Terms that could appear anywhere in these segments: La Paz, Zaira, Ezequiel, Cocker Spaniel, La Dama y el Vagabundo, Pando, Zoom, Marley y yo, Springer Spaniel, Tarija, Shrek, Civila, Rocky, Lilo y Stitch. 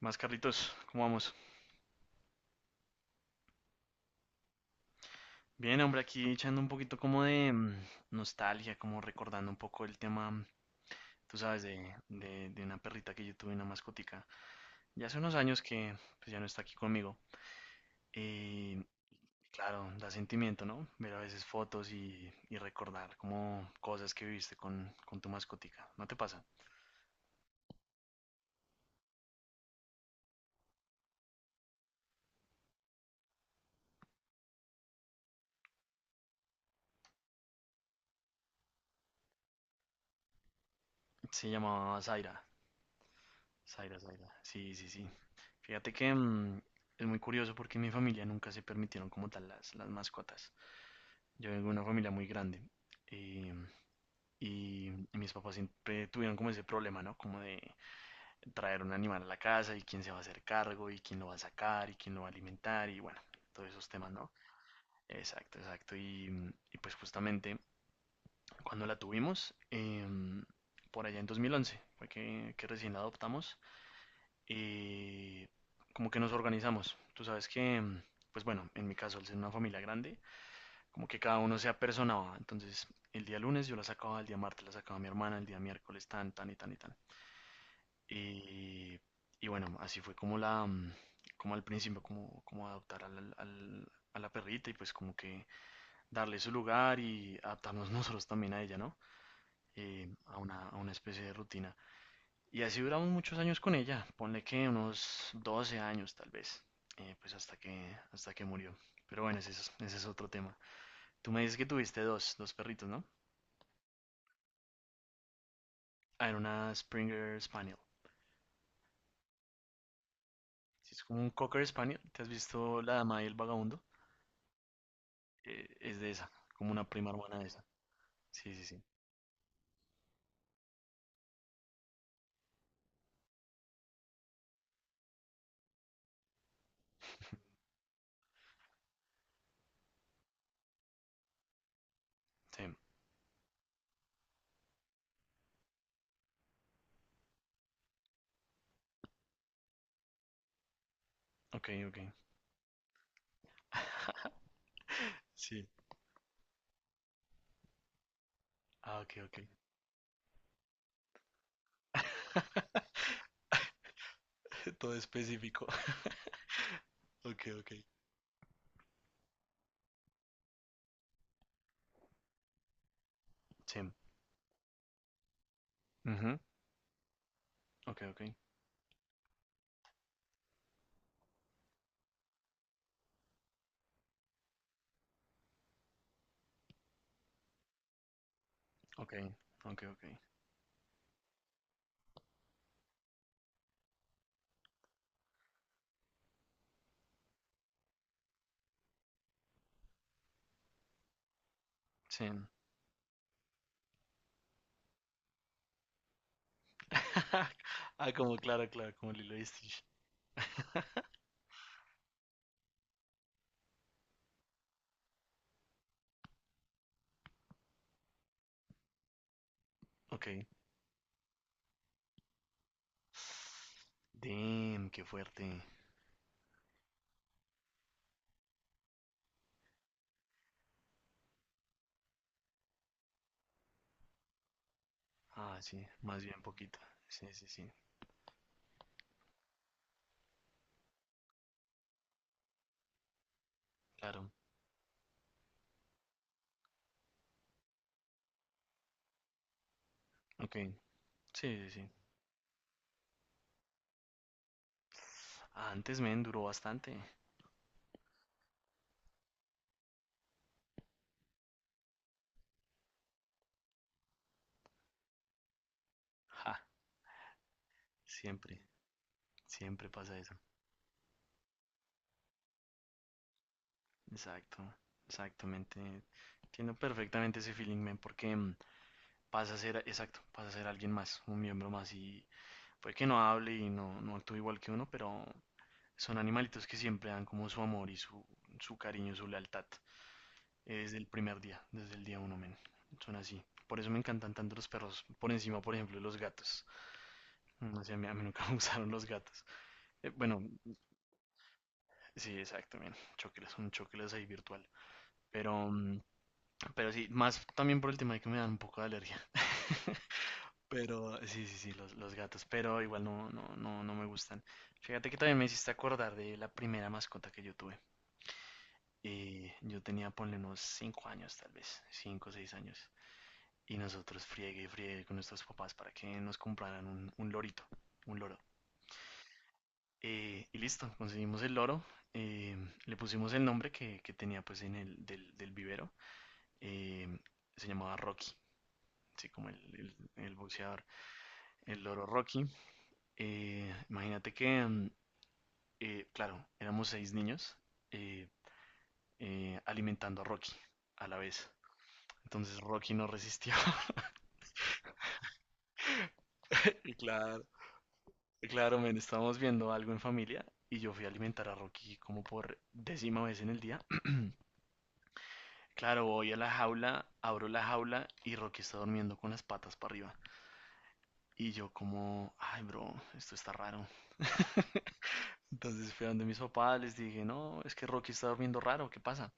¿Qué más, Carlitos? ¿Cómo vamos? Bien, hombre, aquí echando un poquito como de nostalgia, como recordando un poco el tema, tú sabes, de una perrita que yo tuve, una mascotica. Ya hace unos años que pues, ya no está aquí conmigo. Y claro, da sentimiento, ¿no? Ver a veces fotos y recordar como cosas que viviste con tu mascotica. ¿No te pasa? Se llamaba Zaira. Zaira, Zaira. Sí, sí, sí. Fíjate que es muy curioso porque en mi familia nunca se permitieron como tal las mascotas. Yo vengo de una familia muy grande eh, y mis papás siempre tuvieron como ese problema, ¿no? Como de traer un animal a la casa y quién se va a hacer cargo y quién lo va a sacar y quién lo va a alimentar y bueno, todos esos temas, ¿no? Exacto, exacto. Y pues justamente cuando la tuvimos, por allá en 2011, fue que recién la adoptamos, eh, como que nos organizamos. Tú sabes que, pues bueno, en mi caso, al ser una familia grande, como que cada uno se apersonaba. Entonces, el día lunes yo la sacaba, el día martes la sacaba mi hermana, el día miércoles tan, tan y tan y tan. Y, y bueno, así fue como al principio, como adoptar a la perrita y pues como que darle su lugar y adaptarnos nosotros también a ella, ¿no? A una especie de rutina. Y así duramos muchos años con ella, ponle que unos 12 años tal vez, pues hasta que murió. Pero bueno, ese es otro tema. Tú me dices que tuviste dos perritos, ¿no? Ah, era una Springer Spaniel. Sí, es como un Cocker Spaniel. ¿Te has visto La Dama y el Vagabundo? Es de esa, como una prima hermana de esa. Sí, sí, sí. Sí, ok, ok. Sí. Ah, ok, ok. Todo específico. Ok, ok. Sí. Ujú, ok, ok. Ok, ok, ok. Sí. Ah, como claro, claro, como Lilo y Stitch. Ok. Damn, qué fuerte. Ah, sí, más bien poquito. Sí, sí, sí. Claro, ok, sí, sí, sí. Ah, antes men duró bastante. Ja, siempre, siempre pasa eso. Exacto, exactamente. Entiendo perfectamente ese feeling, men, porque pasa a ser, exacto, pasa a ser alguien más, un miembro más y puede que no hable y no actúe igual que uno, pero son animalitos que siempre dan como su amor y su cariño, su lealtad, desde el primer día, desde el día uno, men. Son así. Por eso me encantan tanto los perros, por encima, por ejemplo, de los gatos. No sé, a mí nunca me gustaron los gatos. Bueno, sí, exacto, bien. Chocles, un chocles ahí virtual. Pero, mm, pero sí, más también por el tema de que me dan un poco de alergia. Pero sí, sí, sí, los gatos. Pero igual no, no, no, no me gustan. Fíjate que también me hiciste acordar de la primera mascota que yo tuve. Y yo tenía, ponle unos 5 años, tal vez, 5, o 6 años. Y nosotros friegue y friegue con nuestros papás para que nos compraran un lorito, un loro. Y listo, conseguimos el loro. eh, le pusimos el nombre que tenía pues en el del vivero. eh, se llamaba Rocky, así como el boxeador, el loro Rocky. Imagínate que, claro, éramos seis niños, eh, alimentando a Rocky a la vez. Entonces Rocky no resistió. Y claro, claro, men, estábamos viendo algo en familia y yo fui a alimentar a Rocky como por décima vez en el día. Claro, voy a la jaula, abro la jaula y Rocky está durmiendo con las patas para arriba. Y yo como, ay, bro, esto está raro. Entonces fui a donde mis papás, les dije, no, es que Rocky está durmiendo raro, ¿qué pasa?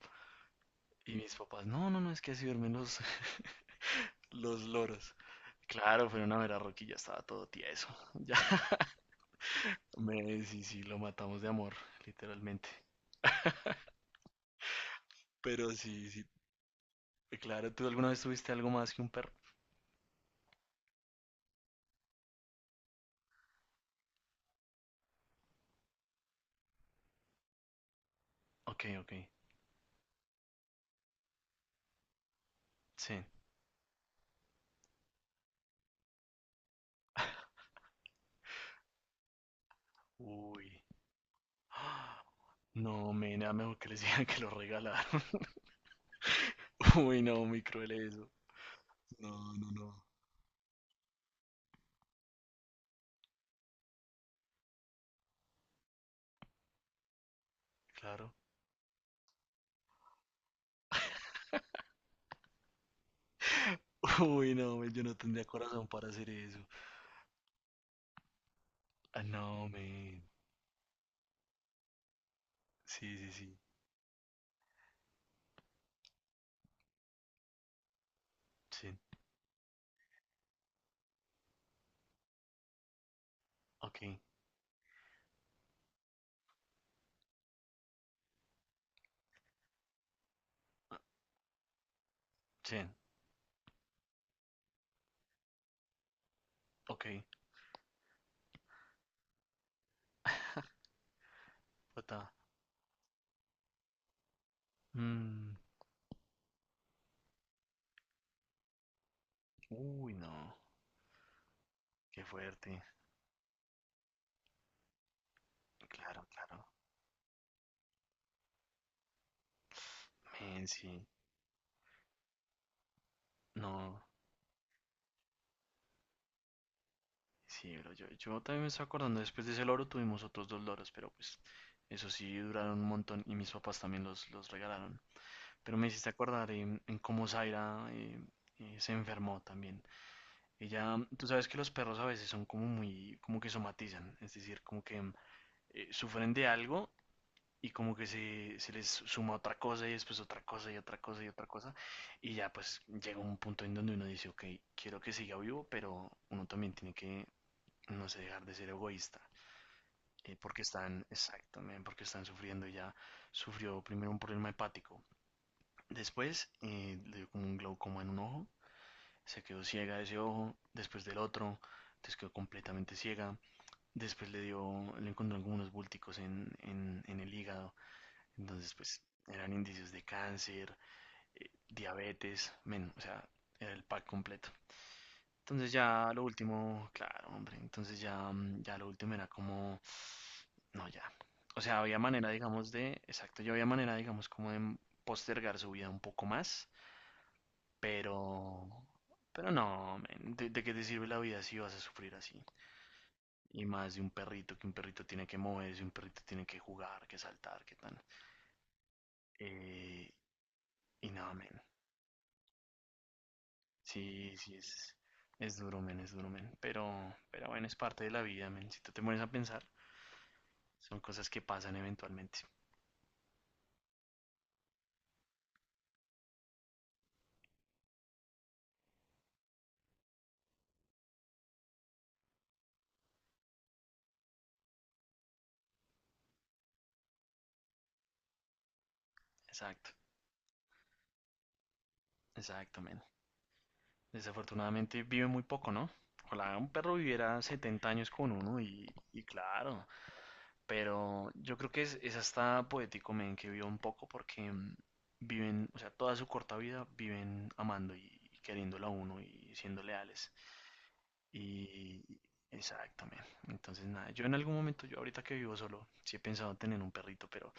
Y mis papás, no, no, no, es que así duermen los, los loros. Claro, fueron a ver a Rocky, ya estaba todo tieso. Ya, sí, sí, lo matamos de amor, literalmente. Pero sí, sí, claro, ¿tú alguna vez tuviste algo más que un perro? Ok, ok, sí. Uy, no, men, era mejor que les digan que lo regalaron. Uy, no, muy cruel eso. No, no, no. Claro. Uy, no, men, yo no tendría corazón para hacer eso. Ah, no, men. Sí, sí, sí. Sí. Ok. Sí. Ok. Pata. Mm. Uy, no. Qué fuerte. Claro, claro. Men, sí. No. Sí, bro. Yo también me estoy acordando. Después de ese loro tuvimos otros dos loros, pero pues. Eso sí, duraron un montón. Y mis papás también los regalaron. Pero me hiciste acordar en cómo Zaira se enfermó también. Ella, tú sabes que los perros a veces son como muy, como que somatizan, es decir, como que sufren de algo y como que se les suma otra cosa y después otra cosa y otra cosa y otra cosa. Y ya pues llega un punto en donde uno dice, ok, quiero que siga vivo, pero uno también tiene que, no sé, dejar de ser egoísta. Porque están, exactamente, porque están sufriendo. Ella sufrió primero un problema hepático. Después le dio como un glaucoma en un ojo, se quedó ciega de ese ojo, después del otro, entonces quedó completamente ciega. Después le dio, le encontraron como unos búlticos en el hígado, entonces pues eran indicios de cáncer, diabetes, men, o sea, era el pack completo. Entonces ya lo último, claro, hombre, entonces ya lo último era como, no, ya. O sea, había manera, digamos, de, exacto, yo había manera, digamos, como de postergar su vida un poco más. Pero, pero, no, men, ¿de qué te sirve la vida si vas a sufrir así? Y más de un perrito, que un perrito tiene que moverse, un perrito tiene que jugar, que saltar, que tal. Eh, y nada, men. Sí, sí, es duro, men, es duro, men. Pero bueno, es parte de la vida, men. Si tú te pones a pensar, son cosas que pasan eventualmente. Exacto, exacto, men. Desafortunadamente vive muy poco, ¿no? Ojalá un perro viviera 70 años con uno y claro. Pero yo creo que es hasta poético, men, que viva un poco porque viven, o sea, toda su corta vida viven amando y queriéndolo a uno y siendo leales. Y exactamente. Entonces, nada, yo en algún momento, yo ahorita que vivo solo, sí he pensado en tener un perrito, pero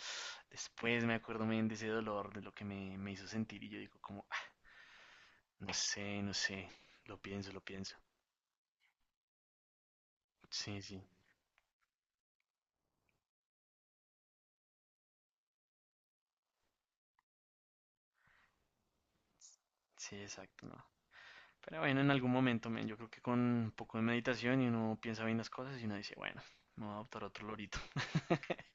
después me acuerdo men, de ese dolor, de lo que me hizo sentir y yo digo como, "Ah, no sé, no sé, lo pienso, lo pienso." Sí, sí. Sí, exacto, no. Pero bueno, en algún momento, men, yo creo que con un poco de meditación y uno piensa bien las cosas y uno dice, bueno, me voy a adoptar otro lorito.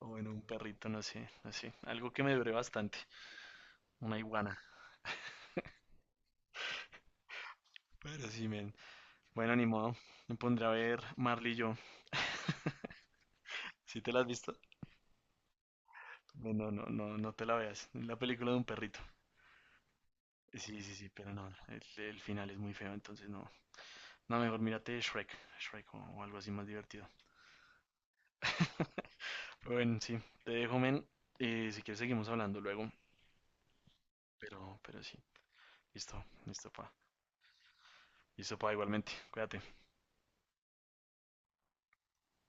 O bueno, un perrito, no sé, no sé. Algo que me dure bastante. Una iguana. Pero sí, men. Bueno, ni modo. Me pondré a ver Marley y yo. ¿Sí te la has visto? Bueno, no, no, no te la veas. Es la película de un perrito. Sí, sí, sí, pero no. El final es muy feo, entonces no. No, mejor mírate Shrek. Shrek o algo así más divertido. Bueno, sí, te dejo, men. Si quieres seguimos hablando luego, pero, sí, listo, listo, pa. Listo, pa, igualmente. Cuídate.